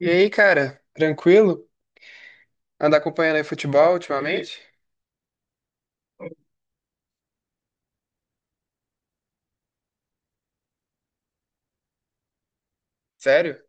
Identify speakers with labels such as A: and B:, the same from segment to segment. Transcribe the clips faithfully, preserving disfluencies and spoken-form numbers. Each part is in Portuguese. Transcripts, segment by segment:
A: E aí, cara, tranquilo? Anda acompanhando aí futebol ultimamente? Sério?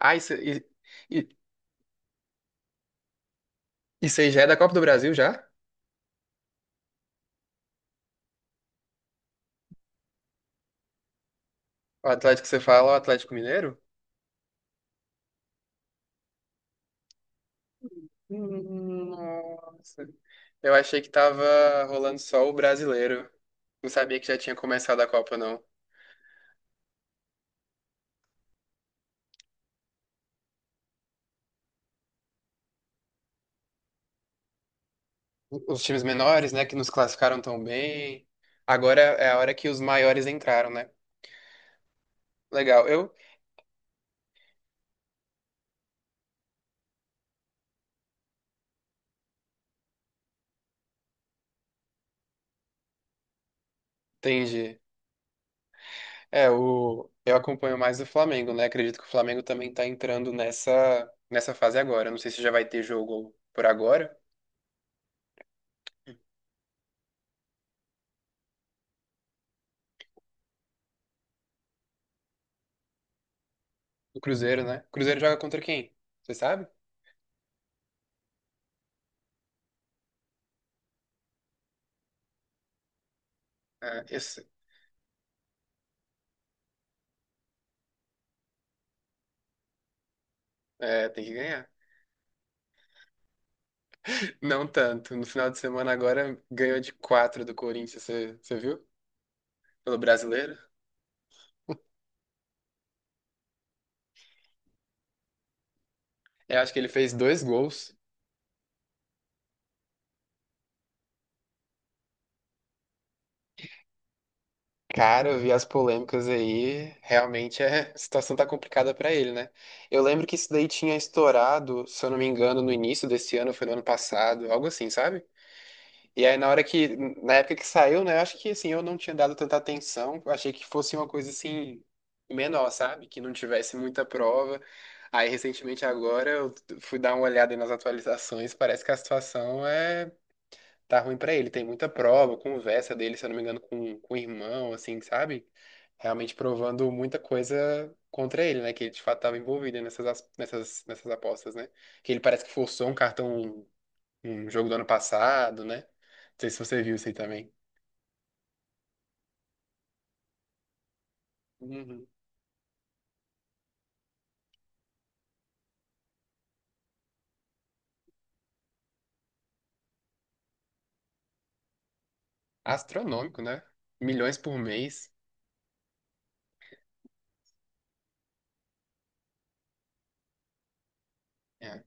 A: Ah, isso, e- e- isso aí já é da Copa do Brasil já? O Atlético que você fala, o Atlético Mineiro? Hum, Nossa. Eu achei que tava rolando só o brasileiro. Não sabia que já tinha começado a Copa, não. Os times menores, né, que nos classificaram tão bem. Agora é a hora que os maiores entraram, né? Legal, eu entendi. É, o... eu acompanho mais o Flamengo, né? Acredito que o Flamengo também tá entrando nessa, nessa fase agora. Não sei se já vai ter jogo por agora. O Cruzeiro, né? O Cruzeiro joga contra quem? Você sabe? Ah, esse... É, tem que ganhar. Não tanto. No final de semana agora ganhou de quatro do Corinthians, você, você viu? Pelo brasileiro. Eu acho que ele fez dois gols. Cara, eu vi as polêmicas aí, realmente é- a situação tá complicada pra ele, né? Eu lembro que isso daí tinha estourado, se eu não me engano, no início desse ano, foi no ano passado, algo assim, sabe? E aí na hora que, na época que saiu, né, eu acho que assim, eu não tinha dado tanta atenção, eu achei que fosse uma coisa assim menor, sabe? Que não tivesse muita prova. Aí recentemente agora eu fui dar uma olhada aí nas atualizações, parece que a situação é tá ruim pra ele. Tem muita prova, conversa dele, se eu não me engano, com, com o irmão, assim, sabe? Realmente provando muita coisa contra ele, né? Que ele de fato estava envolvido nessas, as- nessas, nessas apostas, né? Que ele parece que forçou um cartão, um um jogo do ano passado, né? Não sei se você viu isso aí também. Uhum. Astronômico, né? Milhões por mês. É.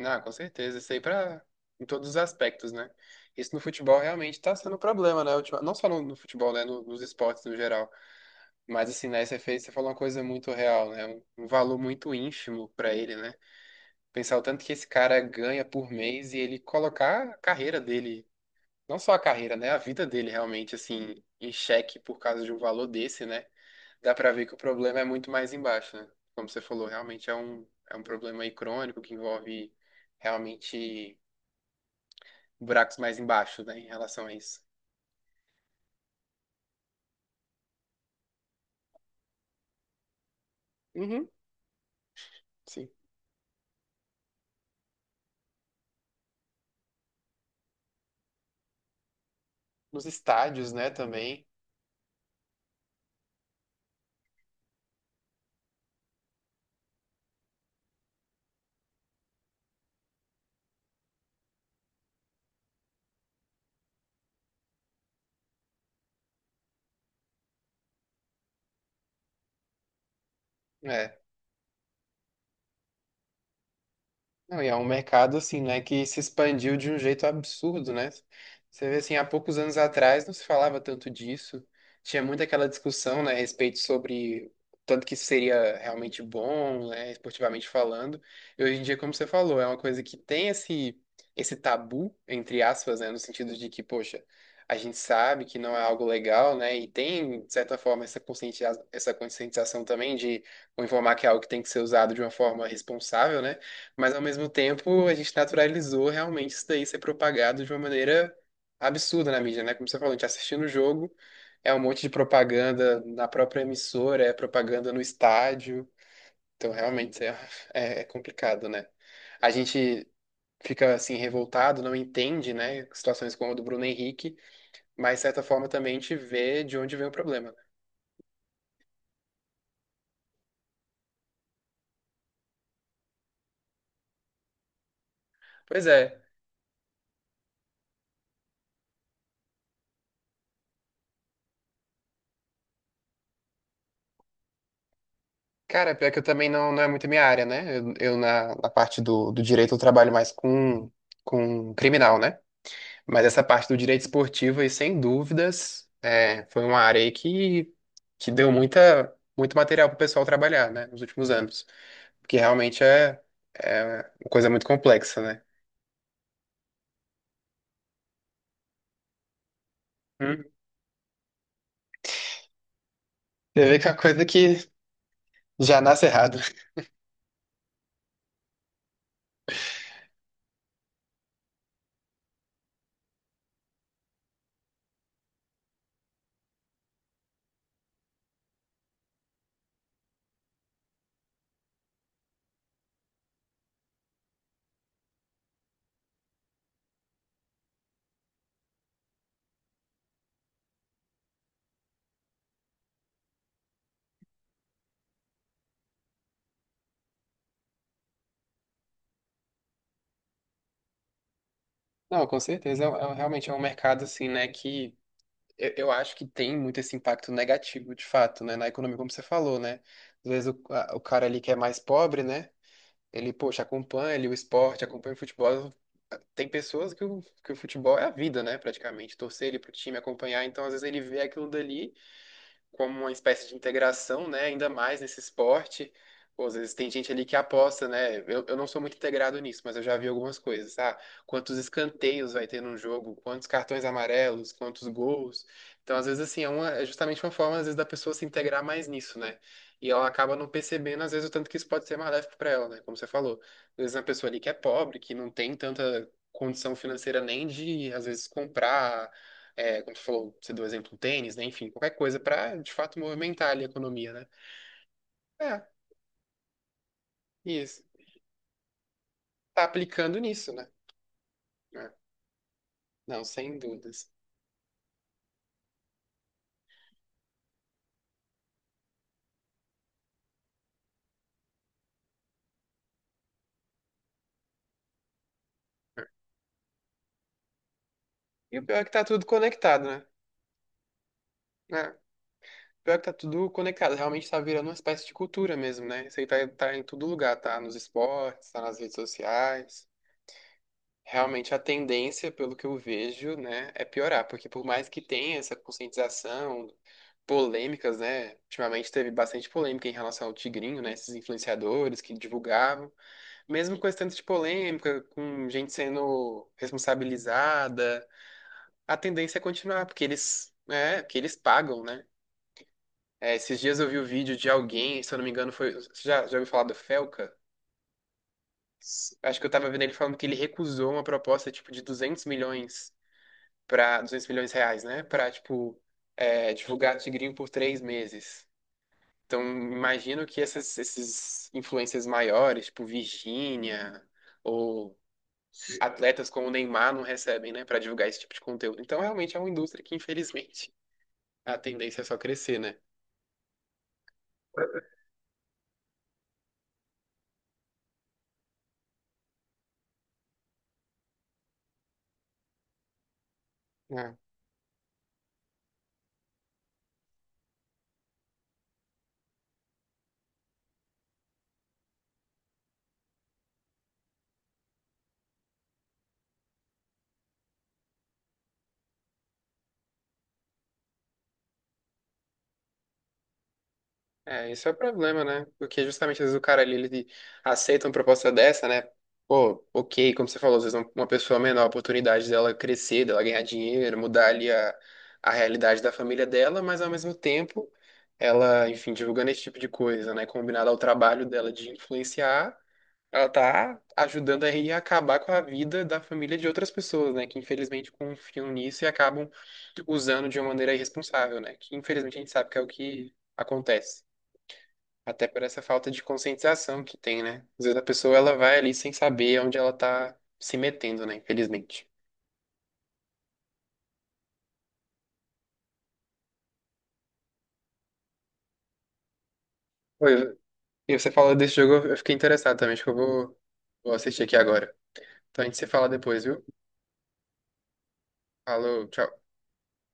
A: Não, com certeza. Isso aí pra, em todos os aspectos, né? Isso no futebol realmente tá sendo um problema, né? Ultima- Não só no, no futebol, né? No- nos esportes no geral. Mas assim, na S F A você falou uma coisa muito real, né? Um um valor muito ínfimo pra ele, né? Pensar o tanto que esse cara ganha por mês e ele colocar a carreira dele, não só a carreira, né? A vida dele realmente, assim, em xeque por causa de um valor desse, né? Dá pra ver que o problema é muito mais embaixo, né? Como você falou, realmente é um, é um problema aí crônico que envolve realmente buracos mais embaixo, né? Em relação a isso. Uhum, sim. Nos estádios, né, também. Não, e é um mercado assim, né, que se expandiu de um jeito absurdo, né? Você vê assim, há poucos anos atrás não se falava tanto disso. Tinha muito aquela discussão, né, a respeito sobre tanto que isso seria realmente bom, né, esportivamente falando. E hoje em dia, como você falou, é uma coisa que tem esse esse tabu, entre aspas, né, no sentido de que, poxa, a gente sabe que não é algo legal, né? E tem, de certa forma, essa conscientização, essa conscientização também de informar que é algo que tem que ser usado de uma forma responsável, né? Mas ao mesmo tempo, a gente naturalizou realmente isso daí ser propagado de uma maneira absurda na mídia, né? Como você falou, a gente tá assistindo o jogo, é um monte de propaganda na própria emissora, é propaganda no estádio. Então, realmente é, é é complicado, né? A gente fica assim revoltado, não entende, né? Situações como a do Bruno Henrique, mas de certa forma também a gente vê de onde vem o problema. Pois é. Cara, pior que eu também não, não é muito minha área, né? Eu, eu na, na parte do, do direito eu trabalho mais com, com criminal, né? Mas essa parte do direito esportivo aí, sem dúvidas, é, foi uma área aí que, que deu muita, muito material pro pessoal trabalhar, né? Nos últimos anos. Porque realmente é, é uma coisa muito complexa, né? Hum. Você vê que é uma coisa que já nasce errado. Não, com certeza. É, um- é um- realmente é um mercado, assim, né? Que Eu, eu acho que tem muito esse impacto negativo, de fato, né, na economia, como você falou, né? Às vezes o, a- o cara ali que é mais pobre, né? Ele, poxa, acompanha ali o esporte, acompanha o futebol. Tem pessoas que o, que o futebol é a vida, né? Praticamente, torcer ele pro time, acompanhar. Então, às vezes ele vê aquilo dali como uma espécie de integração, né? Ainda mais nesse esporte. Pô, às vezes tem gente ali que aposta, né? Eu, eu não sou muito integrado nisso, mas eu já vi algumas coisas, ah, quantos escanteios vai ter num jogo, quantos cartões amarelos, quantos gols. Então, às vezes, assim, é, uma, é justamente uma forma, às vezes, da pessoa se integrar mais nisso, né? E ela acaba não percebendo, às vezes, o tanto que isso pode ser maléfico para ela, né? Como você falou. Às vezes, uma pessoa ali que é pobre, que não tem tanta condição financeira nem de, às vezes, comprar é, como você falou, você deu o exemplo do tênis, né? Enfim, qualquer coisa para de fato movimentar ali a economia, né? É, isso. Tá aplicando nisso, né? É. Não, sem dúvidas. E o pior é que tá tudo conectado, né? É, o pior é que tá tudo conectado. Realmente tá virando uma espécie de cultura mesmo, né? Isso aí tá, tá em todo lugar, tá nos esportes, tá nas redes sociais. Realmente a tendência, pelo que eu vejo, né, é piorar, porque por mais que tenha essa conscientização, polêmicas, né, ultimamente teve bastante polêmica em relação ao Tigrinho, né, esses influenciadores que divulgavam, mesmo com esse tanto de polêmica, com gente sendo responsabilizada, a tendência é continuar, porque eles, é, que eles pagam, né. É, esses dias eu vi o vídeo de alguém, se eu não me engano, foi, você já, já ouviu falar do Felca? Acho que eu tava vendo ele falando que ele recusou uma proposta tipo de duzentos milhões para duzentos milhões de reais, né? Para, tipo, é, divulgar Tigrinho por três meses. Então, imagino que essas, esses influencers maiores, tipo Virgínia, ou atletas como o Neymar, não recebem, né? Para divulgar esse tipo de conteúdo. Então, realmente é uma indústria que, infelizmente, a tendência é só crescer, né? É, isso é o problema, né? Porque justamente às vezes o cara ali, ele aceita uma proposta dessa, né? Pô, ok, como você falou, às vezes um- uma pessoa menor, a oportunidade dela crescer, dela ganhar dinheiro, mudar ali a, a realidade da família dela, mas ao mesmo tempo, ela, enfim, divulgando esse tipo de coisa, né? Combinado ao trabalho dela de influenciar, ela tá ajudando aí a acabar com a vida da família de outras pessoas, né? Que infelizmente confiam nisso e acabam usando de uma maneira irresponsável, né? Que infelizmente a gente sabe que é o que acontece. Até por essa falta de conscientização que tem, né? Às vezes a pessoa ela vai ali sem saber onde ela tá se metendo, né? Infelizmente. Oi, eu- e você falou desse jogo, eu fiquei interessado também. Acho que eu vou, vou assistir aqui agora. Então a gente se fala depois, viu? Falou, tchau.